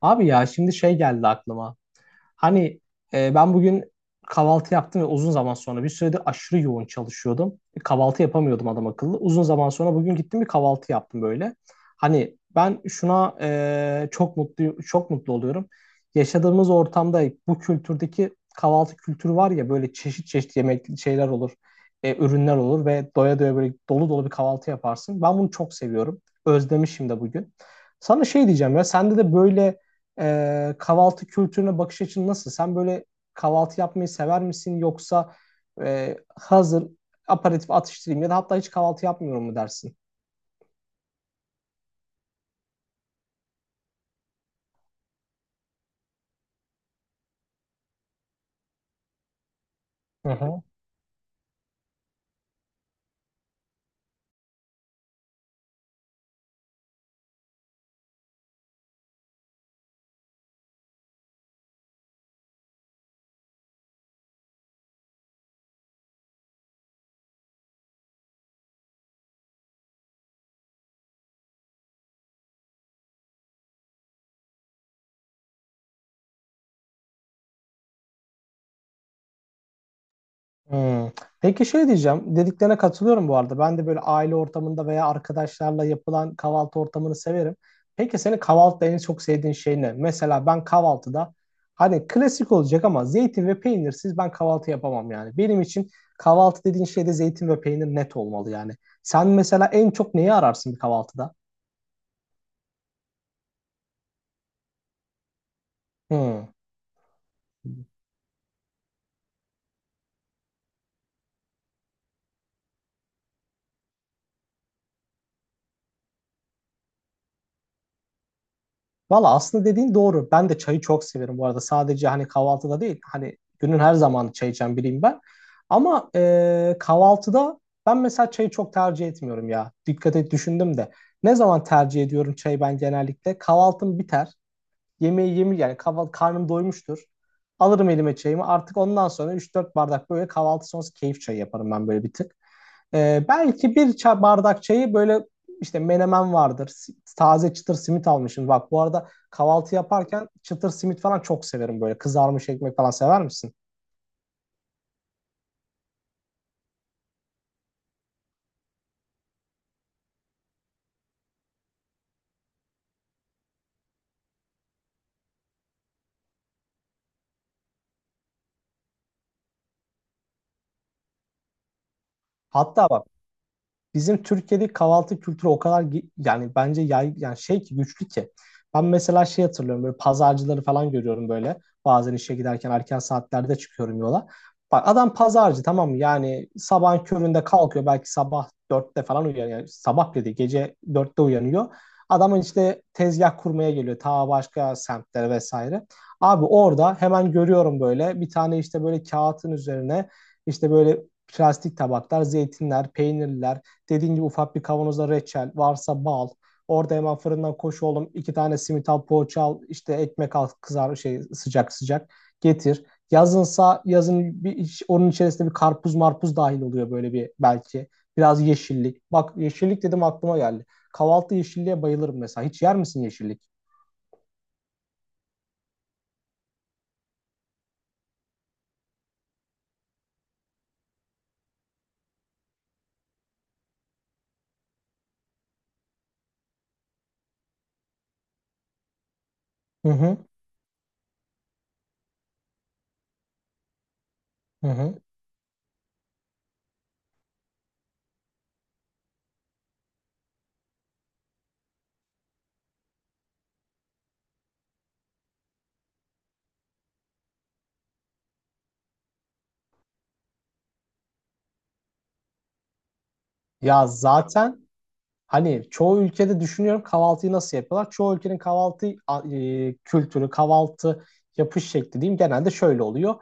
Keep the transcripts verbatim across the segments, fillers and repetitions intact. Abi ya şimdi şey geldi aklıma. Hani e, ben bugün kahvaltı yaptım ve uzun zaman sonra bir süredir aşırı yoğun çalışıyordum. Bir kahvaltı yapamıyordum adam akıllı. Uzun zaman sonra bugün gittim bir kahvaltı yaptım böyle. Hani ben şuna e, çok mutlu çok mutlu oluyorum. Yaşadığımız ortamda bu kültürdeki kahvaltı kültürü var ya böyle çeşit çeşit yemek şeyler olur. e, ürünler olur ve doya doya böyle dolu dolu bir kahvaltı yaparsın. Ben bunu çok seviyorum. Özlemişim de bugün. Sana şey diyeceğim ya sende de böyle e, kahvaltı kültürüne bakış açın nasıl? Sen böyle kahvaltı yapmayı sever misin, yoksa e, hazır aperatif atıştırayım ya da hatta hiç kahvaltı yapmıyorum mu dersin? Hmm. Peki şey diyeceğim, dediklerine katılıyorum bu arada. Ben de böyle aile ortamında veya arkadaşlarla yapılan kahvaltı ortamını severim. Peki senin kahvaltıda en çok sevdiğin şey ne? Mesela ben kahvaltıda hani klasik olacak ama zeytin ve peynirsiz ben kahvaltı yapamam yani. Benim için kahvaltı dediğin şeyde zeytin ve peynir net olmalı yani. Sen mesela en çok neyi ararsın bir kahvaltıda? Hmm. Valla aslında dediğin doğru. Ben de çayı çok severim bu arada. Sadece hani kahvaltıda değil. Hani günün her zamanı çay içen biriyim ben. Ama e, kahvaltıda ben mesela çayı çok tercih etmiyorum ya. Dikkat et, düşündüm de. Ne zaman tercih ediyorum çayı ben genellikle? Kahvaltım biter. Yemeği yemi, yani kahvaltı, karnım doymuştur. Alırım elime çayımı. Artık ondan sonra üç dört bardak böyle kahvaltı sonrası keyif çayı yaparım ben böyle bir tık. Ee, belki bir çay, bardak çayı, böyle işte menemen vardır. Si- Taze çıtır simit almışım. Bak, bu arada kahvaltı yaparken çıtır simit falan çok severim böyle. Kızarmış ekmek falan sever misin? Hatta bak, bizim Türkiye'de kahvaltı kültürü o kadar gi- yani bence yay, yani şey ki, güçlü ki. Ben mesela şey hatırlıyorum, böyle pazarcıları falan görüyorum böyle. Bazen işe giderken erken saatlerde çıkıyorum yola. Bak adam pazarcı, tamam mı? Yani sabahın köründe kalkıyor, belki sabah dörtte falan uyanıyor. Yani sabah dedi, gece dörtte uyanıyor. Adamın işte tezgah kurmaya geliyor ta başka semtlere vesaire. Abi orada hemen görüyorum böyle, bir tane işte böyle kağıtın üzerine, işte böyle plastik tabaklar, zeytinler, peynirler, dediğin gibi ufak bir kavanoza reçel, varsa bal. Orada hemen fırından koş oğlum, iki tane simit al, poğaça al, işte ekmek al, kızar şey sıcak sıcak getir. Yazınsa yazın, bir, onun içerisinde bir karpuz marpuz dahil oluyor böyle bir belki. Biraz yeşillik. Bak, yeşillik dedim, aklıma geldi. Kahvaltı yeşilliğe bayılırım mesela. Hiç yer misin yeşillik? Hı hı. Hı hı. Ya zaten, hani çoğu ülkede düşünüyorum kahvaltıyı nasıl yapıyorlar. Çoğu ülkenin kahvaltı e, kültürü, kahvaltı yapış şekli diyeyim, genelde şöyle oluyor.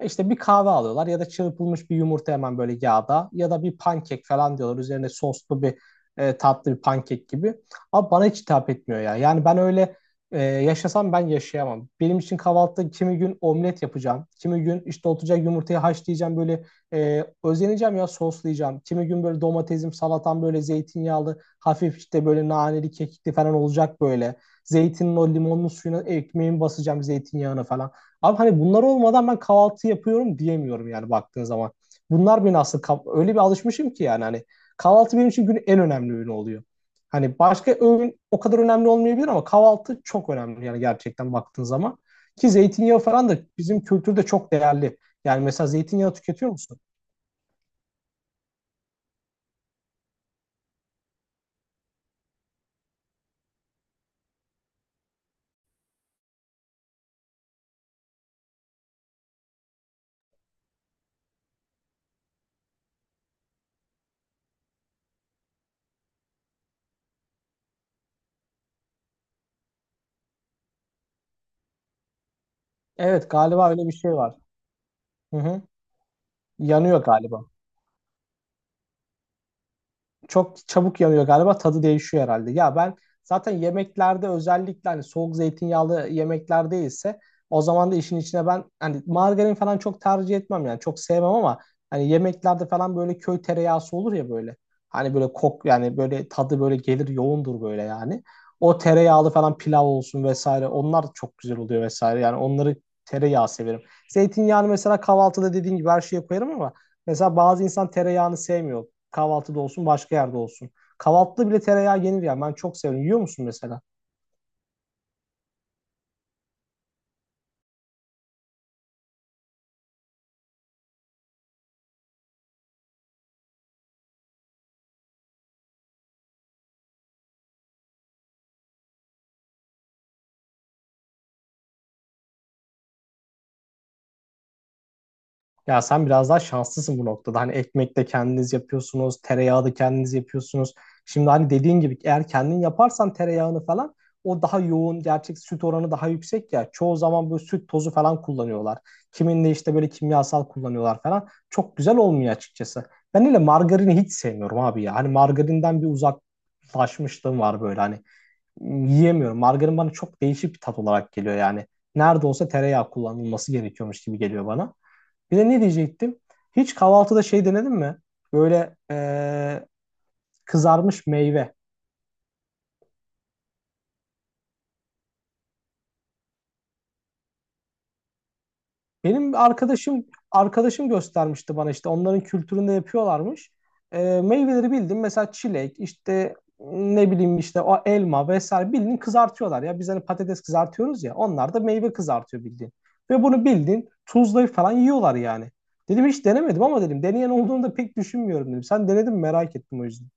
E İşte bir kahve alıyorlar ya da çırpılmış bir yumurta hemen böyle yağda, ya da bir pankek falan diyorlar. Üzerine soslu bir, e, tatlı bir pankek gibi. Ama bana hiç hitap etmiyor ya. Yani ben öyle e, yaşasam ben yaşayamam. Benim için kahvaltıda kimi gün omlet yapacağım. Kimi gün işte oturacak yumurtayı haşlayacağım, böyle e, özeneceğim ya, soslayacağım. Kimi gün böyle domatesim, salatam, böyle zeytinyağlı, hafif işte böyle naneli, kekikli falan olacak böyle. Zeytinin o limonlu suyuna ekmeğimi basacağım, zeytinyağına falan. Abi hani bunlar olmadan ben kahvaltı yapıyorum diyemiyorum yani baktığın zaman. Bunlar beni nasıl, öyle bir alışmışım ki yani, hani kahvaltı benim için günün en önemli öğünü oluyor. Hani başka öğün o kadar önemli olmayabilir ama kahvaltı çok önemli yani gerçekten baktığın zaman. Ki zeytinyağı falan da bizim kültürde çok değerli. Yani mesela zeytinyağı tüketiyor musun? Evet galiba öyle bir şey var. Hı hı. Yanıyor galiba. Çok çabuk yanıyor galiba, tadı değişiyor herhalde. Ya ben zaten yemeklerde, özellikle hani soğuk zeytinyağlı yemekler değilse o zaman da işin içine ben hani margarin falan çok tercih etmem yani, çok sevmem, ama hani yemeklerde falan böyle köy tereyağısı olur ya böyle. Hani böyle kok, yani böyle tadı böyle gelir, yoğundur böyle yani. O tereyağlı falan pilav olsun vesaire, onlar çok güzel oluyor vesaire, yani onları tereyağı severim. Zeytinyağını mesela kahvaltıda dediğin gibi her şeye koyarım ama mesela bazı insan tereyağını sevmiyor. Kahvaltıda olsun, başka yerde olsun. Kahvaltıda bile tereyağı yenir ya. Ben çok seviyorum. Yiyor musun mesela? Ya sen biraz daha şanslısın bu noktada. Hani ekmek de kendiniz yapıyorsunuz, tereyağı da kendiniz yapıyorsunuz. Şimdi hani dediğin gibi, eğer kendin yaparsan tereyağını falan, o daha yoğun, gerçek süt oranı daha yüksek ya. Çoğu zaman böyle süt tozu falan kullanıyorlar. Kiminle işte böyle kimyasal kullanıyorlar falan. Çok güzel olmuyor açıkçası. Ben öyle margarini hiç sevmiyorum abi ya. Hani margarinden bir uzaklaşmışlığım var böyle. Hani yiyemiyorum. Margarin bana çok değişik bir tat olarak geliyor yani. Nerede olsa tereyağı kullanılması gerekiyormuş gibi geliyor bana. Bir de ne diyecektim? Hiç kahvaltıda şey denedin mi? Böyle eee, kızarmış meyve. Benim arkadaşım arkadaşım göstermişti bana, işte onların kültüründe yapıyorlarmış. Ee, meyveleri bildim mesela, çilek işte, ne bileyim işte o elma vesaire, bildiğin kızartıyorlar ya. Biz hani patates kızartıyoruz ya, onlar da meyve kızartıyor bildiğin. Ve bunu bildiğin tuzlayıp falan yiyorlar yani. Dedim hiç denemedim, ama dedim, deneyen olduğunu da pek düşünmüyorum dedim. Sen denedin mi, merak ettim o yüzden.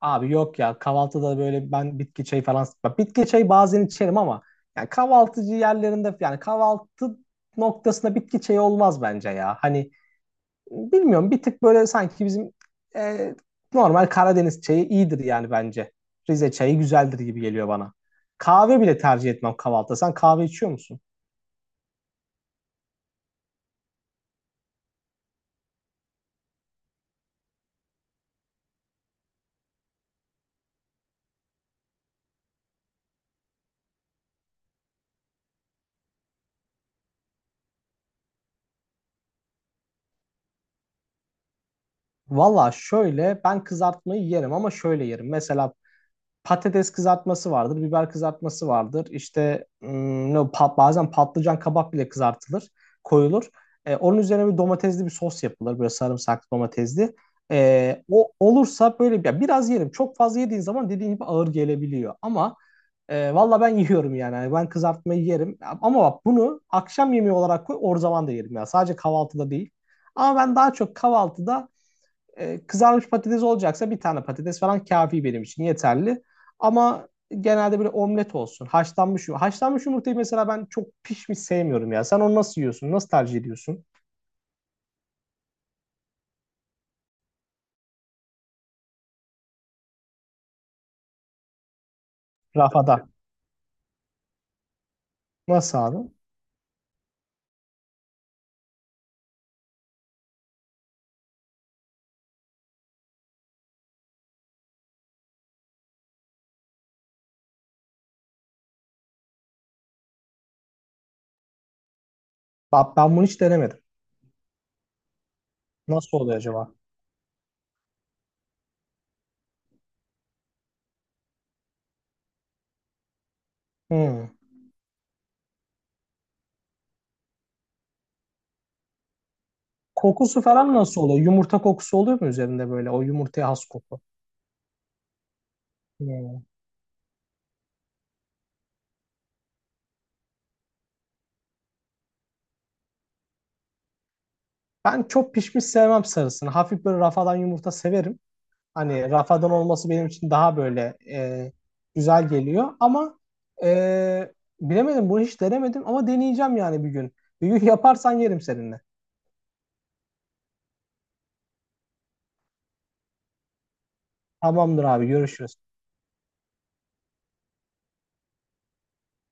Abi yok ya, kahvaltıda böyle ben bitki çayı falan, bak bitki çayı bazen içerim ama yani kahvaltıcı yerlerinde, yani kahvaltı noktasında bitki çayı olmaz bence ya. Hani bilmiyorum, bir tık böyle sanki bizim e, normal Karadeniz çayı iyidir yani bence. Rize çayı güzeldir gibi geliyor bana. Kahve bile tercih etmem kahvaltıda. Sen kahve içiyor musun? Valla şöyle, ben kızartmayı yerim ama şöyle yerim. Mesela patates kızartması vardır, biber kızartması vardır. İşte ım, ne o, pa- bazen patlıcan, kabak bile kızartılır, koyulur. E, onun üzerine bir domatesli bir sos yapılır, böyle sarımsaklı domatesli. E, o olursa böyle bir, biraz yerim. Çok fazla yediğin zaman dediğin gibi ağır gelebiliyor. Ama e, valla ben yiyorum yani. Yani ben kızartmayı yerim. Ama bak, bunu akşam yemeği olarak koy, o zaman da yerim ya. Sadece kahvaltıda değil. Ama ben daha çok kahvaltıda e, kızarmış patates olacaksa bir tane patates falan kafi, benim için yeterli. Ama genelde böyle omlet olsun. Haşlanmış yumurta. Haşlanmış yumurtayı mesela ben çok pişmiş sevmiyorum ya. Sen onu nasıl yiyorsun? Nasıl tercih ediyorsun? Rafada. Nasıl abi? Bak ben bunu hiç denemedim. Nasıl oluyor acaba? Hmm. Kokusu falan nasıl oluyor? Yumurta kokusu oluyor mu üzerinde böyle? O yumurtaya has koku. Hmm. Ben çok pişmiş sevmem sarısını. Hafif böyle rafadan yumurta severim. Hani Rafa'dan olması benim için daha böyle e, güzel geliyor. Ama e, bilemedim, bunu hiç denemedim ama deneyeceğim yani bir gün. Bir gün yaparsan yerim seninle. Tamamdır abi, görüşürüz.